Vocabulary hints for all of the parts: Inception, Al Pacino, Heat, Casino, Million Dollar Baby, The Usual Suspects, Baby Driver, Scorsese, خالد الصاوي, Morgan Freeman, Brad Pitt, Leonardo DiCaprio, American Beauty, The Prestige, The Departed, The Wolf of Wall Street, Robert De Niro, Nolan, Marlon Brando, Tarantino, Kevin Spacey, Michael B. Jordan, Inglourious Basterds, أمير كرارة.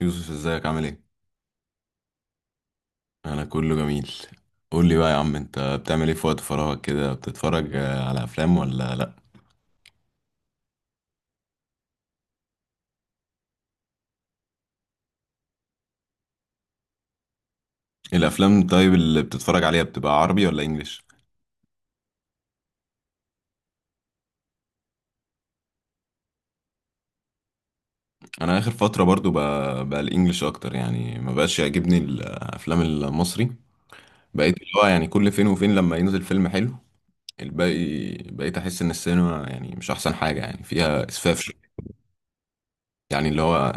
يوسف، ازيك عامل ايه؟ انا كله جميل. قول لي بقى يا عم، انت بتعمل ايه في وقت فراغك كده؟ بتتفرج على افلام ولا لا؟ الافلام طيب اللي بتتفرج عليها بتبقى عربي ولا انجليش؟ انا اخر فترة برضو بقى الانجليش اكتر، يعني ما بقاش يعجبني الافلام المصري. بقيت اللي هو يعني كل فين وفين لما ينزل فيلم حلو، الباقي بقيت احس ان السينما يعني مش احسن حاجة، يعني فيها اسفاف. يعني اللي هو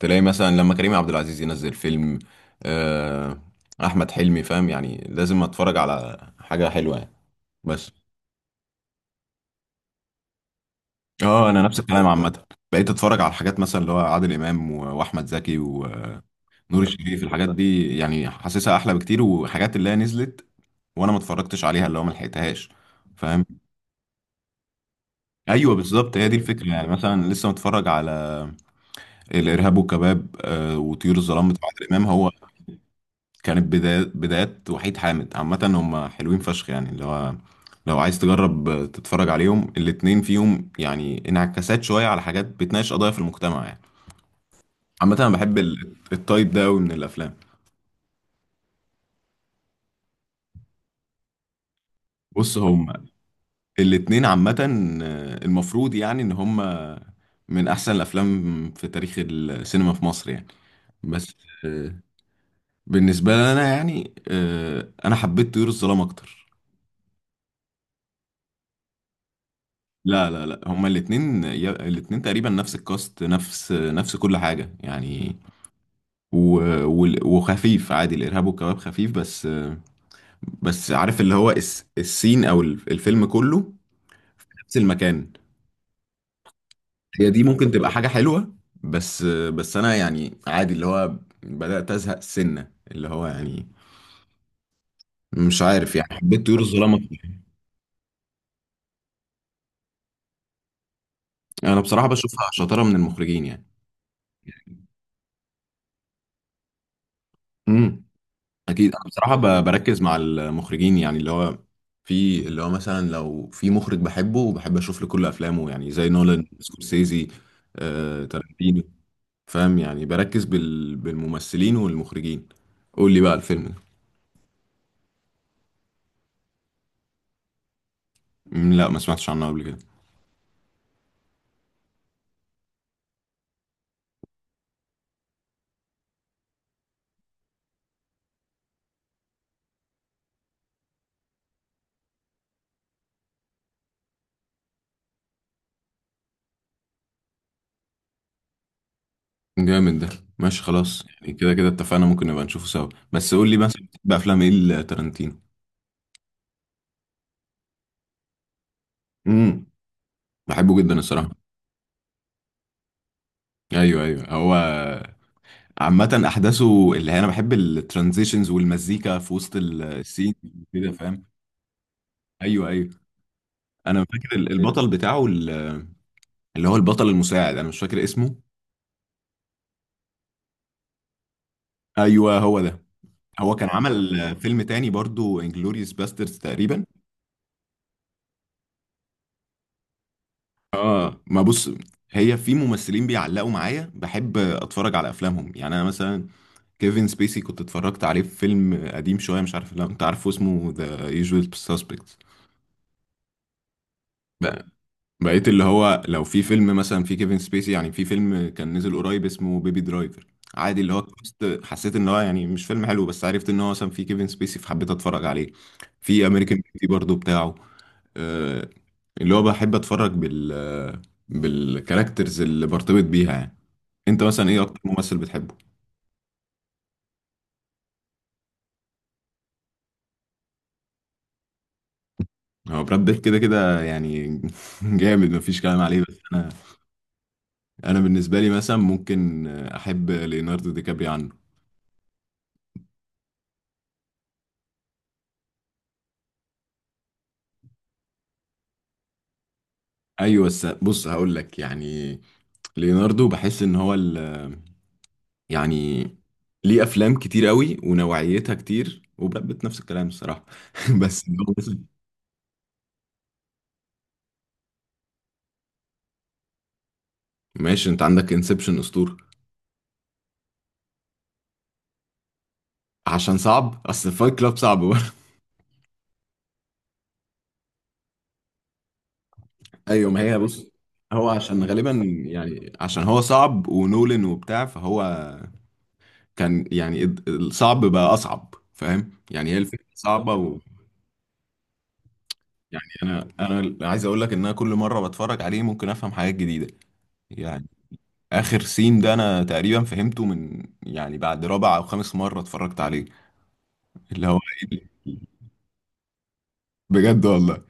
تلاقي مثلا لما كريم عبد العزيز ينزل فيلم، آه، احمد حلمي، فاهم؟ يعني لازم اتفرج على حاجه حلوه يعني، بس. اه، انا نفس الكلام عامه. بقيت اتفرج على الحاجات مثلا اللي هو عادل امام واحمد زكي ونور الشريف، الحاجات دي يعني حاسسها احلى بكتير. وحاجات اللي هي نزلت وانا ما اتفرجتش عليها، اللي هو ما لحقتهاش، فاهم؟ ايوه بالظبط، هي دي الفكره. يعني مثلا لسه متفرج على الارهاب والكباب وطيور الظلام بتاع عادل امام. هو كانت بدايات وحيد حامد، عامة هم حلوين فشخ يعني، اللي هو لو عايز تجرب تتفرج عليهم، الاتنين فيهم يعني انعكاسات شوية على حاجات، بتناقش قضايا في المجتمع يعني. عامة أنا بحب التايب ده أوي من الأفلام. بص، هم الاتنين عامة المفروض يعني إن هم من أحسن الأفلام في تاريخ السينما في مصر يعني، بس آه، بالنسبة لنا يعني أنا حبيت طيور الظلام أكتر. لا لا لا، هما الاتنين الاتنين تقريبا نفس الكاست، نفس كل حاجة يعني. و... وخفيف عادي، الإرهاب والكباب خفيف، بس عارف اللي هو السين أو الفيلم كله في نفس المكان. هي دي ممكن تبقى حاجة حلوة، بس بس أنا يعني عادي، اللي هو بدأت أزهق سنة، اللي هو يعني مش عارف، يعني حبيت طيور الظلام أكتر. أنا بصراحة بشوفها شطارة من المخرجين يعني. امم، اكيد. انا بصراحه بركز مع المخرجين يعني، اللي هو في اللي هو مثلا لو في مخرج بحبه وبحب اشوف له كل افلامه، يعني زي نولان، سكورسيزي، تارانتينو. فاهم يعني؟ بركز بالممثلين والمخرجين. قول لي بقى الفيلم ده. لا، ما سمعتش عنه قبل كده. جامد ده، ماشي خلاص. يعني كده كده اتفقنا، ممكن نبقى نشوفه سوا، بس قول لي مثلا بتحب افلام ايه لتارانتينو؟ امم، بحبه جدا الصراحه. ايوه ايوه، هو عامة أحداثه اللي هي، أنا بحب الترانزيشنز والمزيكا في وسط السين كده، فاهم؟ أيوه أيوه. أنا فاكر البطل بتاعه اللي هو البطل المساعد، أنا مش فاكر اسمه. أيوه هو ده. هو كان عمل فيلم تاني برضو انجلوريوس باسترز تقريبا. ما بص، هي في ممثلين بيعلقوا معايا، بحب أتفرج على أفلامهم. يعني أنا مثلا كيفن سبيسي كنت اتفرجت عليه في فيلم قديم شوية، مش عارف لو أنت عارفه، اسمه ذا يوجوال سسبكتس. بقيت اللي هو لو في فيلم مثلا في كيفن سبيسي، يعني في فيلم كان نزل قريب اسمه بيبي درايفر، عادي اللي هو الكاست، حسيت ان هو يعني مش فيلم حلو، بس عرفت ان هو مثلا في كيفن سبيسي فحبيت اتفرج عليه. في امريكان بيوتي برضو بتاعه. آه، اللي هو بحب اتفرج بال، بالكاركترز اللي برتبط بيها يعني. انت مثلا ايه اكتر ممثل بتحبه؟ هو براد بيت كده كده يعني. جامد، مفيش كلام عليه. بس انا بالنسبه لي مثلا ممكن احب ليوناردو دي كابري عنه. ايوه، بس بص هقول لك يعني ليوناردو بحس ان هو يعني ليه افلام كتير قوي، ونوعيتها كتير، وبراد بيت نفس الكلام الصراحه. بس إن هو مثلا. ماشي، انت عندك انسبشن اسطوره، عشان صعب. اصل فايت كلاب صعب برضه. ايوه، ما هي بص، هو عشان غالبا يعني عشان هو صعب ونولن وبتاع، فهو كان يعني الصعب بقى اصعب، فاهم يعني؟ هي الفكره صعبه ويعني انا عايز اقول لك ان انا كل مره بتفرج عليه ممكن افهم حاجات جديده يعني. اخر سين ده انا تقريبا فهمته من، يعني بعد رابع او خامس مره اتفرجت عليه. اللي هو إيه؟ اللي- بجد والله.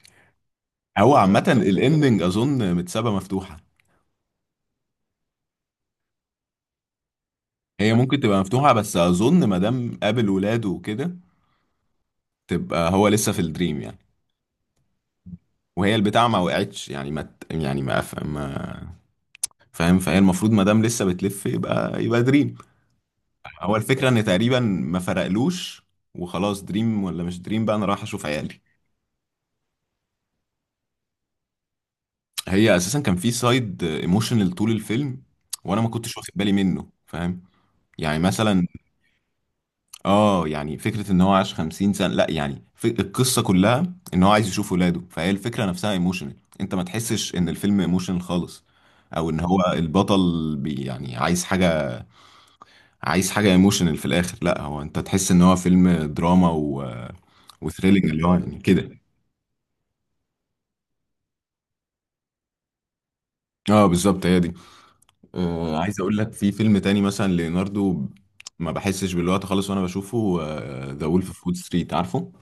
هو عامه الاندنج اظن متسابه مفتوحه. هي ممكن تبقى مفتوحه، بس اظن ما دام قابل ولاده وكده تبقى هو لسه في الدريم يعني. وهي البتاع ما وقعتش، يعني ما ت- يعني فاهم؟ فهي المفروض ما دام لسه بتلف، يبقى دريم. هو الفكره ان تقريبا ما فرقلوش، وخلاص دريم ولا مش دريم بقى، انا رايح اشوف عيالي. هي اساسا كان في سايد ايموشنال طول الفيلم، وانا ما كنتش واخد بالي منه، فاهم؟ يعني مثلا، اه يعني فكره ان هو عاش 50 سنه، لا يعني في القصه كلها ان هو عايز يشوف ولاده، فهي الفكره نفسها ايموشنال. انت ما تحسش ان الفيلم ايموشنال خالص، او ان هو البطل بي يعني عايز حاجه، عايز حاجه ايموشنال في الاخر. لا، هو انت تحس ان هو فيلم دراما وثريلينج اللي هو يعني كده. اه بالظبط، هي دي. عايز اقول لك في فيلم تاني مثلا ليوناردو، ما بحسش بالوقت خالص وانا بشوفه. ذا وولف اوف وول ستريت، عارفه؟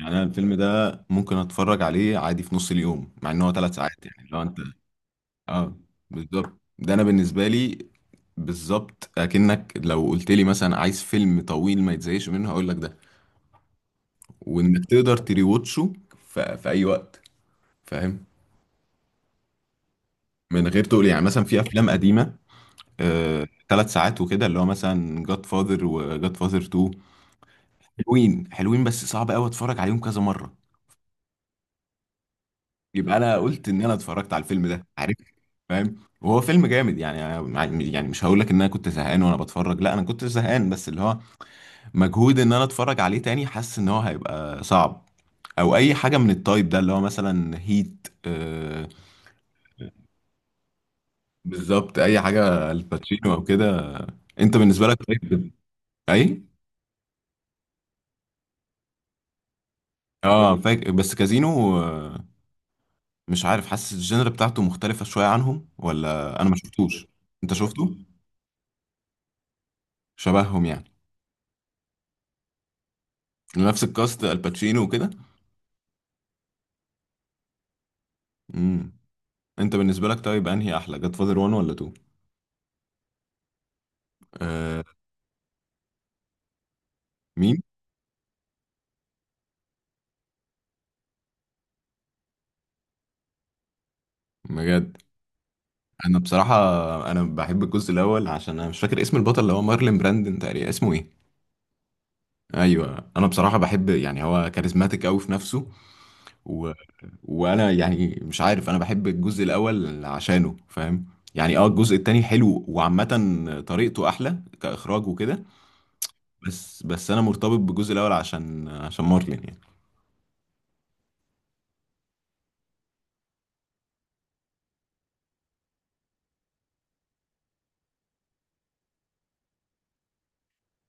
يعني انا الفيلم ده ممكن اتفرج عليه عادي في نص اليوم، مع ان هو ثلاث ساعات. يعني لو انت، اه بالظبط، ده انا بالنسبه لي بالظبط. اكنك لو قلت لي مثلا عايز فيلم طويل ما يتزهقش منه، هقول لك ده، وانك تقدر تريوتشه في اي وقت، فاهم؟ من غير تقول يعني مثلا في افلام قديمه ثلاث تلات ساعات وكده، اللي هو مثلا جاد فاذر وجاد فاذر 2، حلوين حلوين بس صعب قوي اتفرج عليهم كذا مره. يبقى انا قلت ان انا اتفرجت على الفيلم ده، عارف؟ فاهم. وهو فيلم جامد، يعني أنا. يعني مش هقول لك ان انا كنت زهقان وانا بتفرج، لا انا كنت زهقان، بس اللي هو مجهود ان انا اتفرج عليه تاني، حاسس ان هو هيبقى صعب او اي حاجه من التايب ده، اللي هو مثلا هيت. آه بالظبط، اي حاجه الباتشينو او كده. انت بالنسبه لك طيب اي اه، فاكر. بس كازينو مش عارف، حاسس الجنر بتاعته مختلفه شويه عنهم، ولا انا ما شفتوش؟ انت شفته؟ شبههم يعني؟ نفس الكاست، الباتشينو وكده. امم، انت بالنسبه لك طيب، انهي احلى، جاد فاذر 1 ولا 2؟ آه. مين؟ بجد. انا بصراحه، انا بحب الجزء الاول، عشان انا مش فاكر اسم البطل اللي هو مارلين براندن تقريبا، اسمه ايه؟ ايوه، انا بصراحه بحب يعني هو كاريزماتيك قوي في نفسه و... وانا يعني مش عارف، انا بحب الجزء الاول عشانه، فاهم يعني؟ اه الجزء التاني حلو، وعامه طريقته احلى كاخراج وكده، بس انا مرتبط بالجزء الاول عشان مارلين يعني.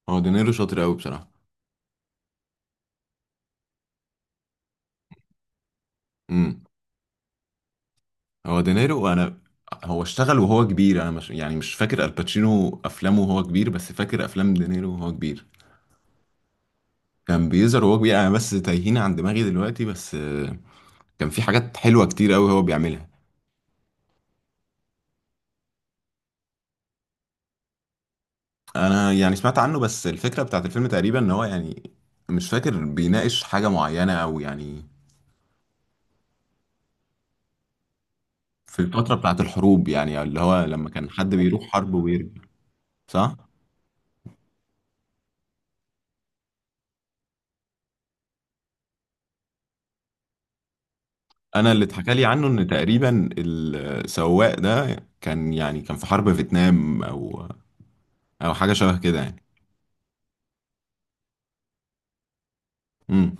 هو دينيرو شاطر قوي بصراحه. امم. هو دينيرو انا، هو اشتغل وهو كبير. انا مش يعني مش فاكر الباتشينو افلامه وهو كبير، بس فاكر افلام دينيرو وهو كبير. كان بيظهر وهو كبير، انا بس تايهين عن دماغي دلوقتي، بس كان في حاجات حلوه كتير قوي هو بيعملها. انا يعني سمعت عنه، بس الفكره بتاعت الفيلم تقريبا ان هو يعني مش فاكر بيناقش حاجه معينه، او يعني في الفتره بتاعت الحروب، يعني اللي هو لما كان حد بيروح حرب ويرجع. صح. انا اللي اتحكى لي عنه ان تقريبا السواق ده كان يعني، كان في حرب فيتنام او او حاجه شبه كده يعني. امم.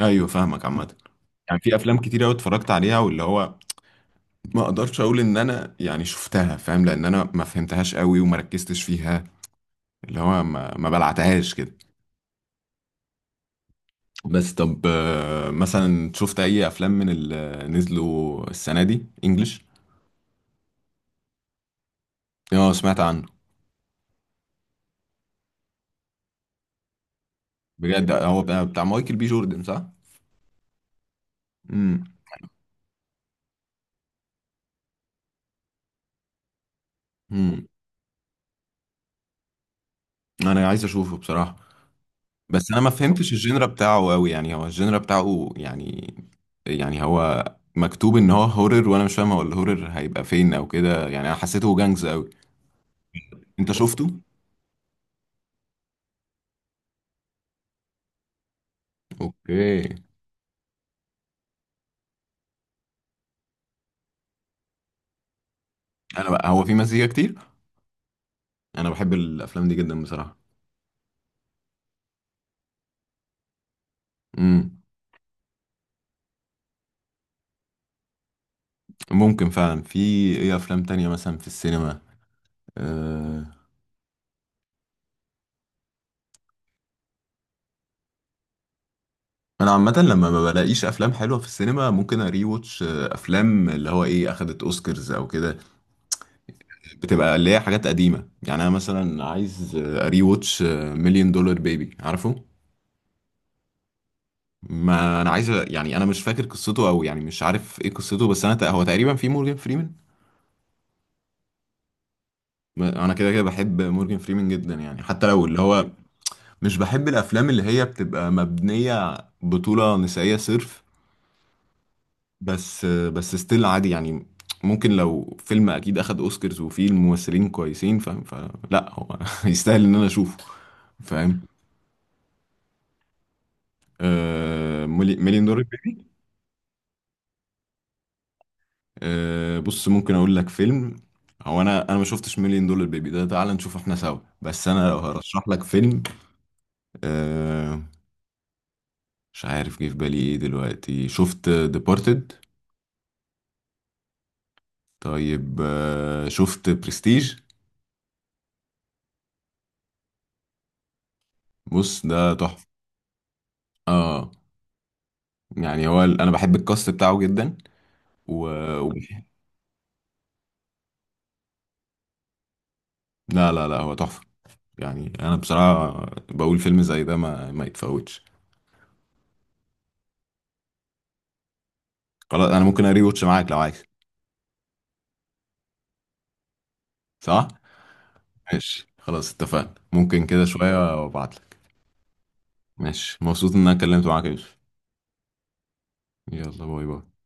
ايوه فاهمك عامه. يعني في افلام كتير قوي اتفرجت عليها، واللي هو ما اقدرش اقول ان انا يعني شفتها، فاهم؟ لان انا ما فهمتهاش قوي، وما ركزتش فيها، اللي هو ما بلعتهاش كده. بس طب مثلا شفت اي افلام من اللي نزلوا السنه دي انجلش؟ اه، سمعت عنه. بجد؟ هو بتاع مايكل بي جوردن، صح؟ امم. انا عايز اشوفه بصراحة، بس انا ما فهمتش الجينرا بتاعه قوي. يعني هو الجينرا بتاعه يعني، يعني هو مكتوب ان هو هورر، وانا مش فاهم هو الهورر هيبقى فين او كده، يعني انا حسيته جانجز قوي. انت شفته؟ اوكي. انا بقى هو في مزيكا كتير. انا بحب الافلام دي جدا بصراحة. امم، ممكن فعلا. في ايه افلام تانية مثلا في السينما؟ أه... انا عامة لما ما بلاقيش افلام حلوة في السينما، ممكن اري واتش افلام اللي هو ايه، اخدت اوسكارز او كده، بتبقى اللي هي حاجات قديمة. يعني أنا مثلا عايز أري واتش مليون دولار بيبي، عارفه؟ ما أنا عايز يعني، أنا مش فاكر قصته، أو يعني مش عارف إيه قصته، بس أنا تق، هو تقريبا في مورجان فريمان. ما أنا كده كده بحب مورجان فريمان جدا يعني، حتى لو اللي هو مش بحب الأفلام اللي هي بتبقى مبنية بطولة نسائية صرف، بس ستيل عادي يعني. ممكن لو فيلم أكيد أخد أوسكارز وفيه الممثلين كويسين، فاهم؟ فلا، هو يستاهل إن أنا أشوفه، فاهم؟ آه، مليون دولار بيبي. آه بص، ممكن اقول لك فيلم، هو انا ما شفتش مليون دولار بيبي ده، تعال نشوفه احنا سوا، بس انا لو هرشح لك فيلم، آه مش عارف جه في بالي ايه دلوقتي، شفت ديبارتد؟ طيب آه، شفت برستيج؟ بص ده تحفة. اه يعني هو انا بحب الكاست بتاعه جدا و... و... لا لا لا، هو تحفة يعني. انا بصراحة بقول فيلم زي ده ما يتفوتش. خلاص انا ممكن اري واتش معاك لو عايز. صح. ماشي خلاص اتفقنا، ممكن كده شوية وابعتلك. ماشي. مبسوط ان انا اتكلمت معاك يا يوسف. يلا، باي باي.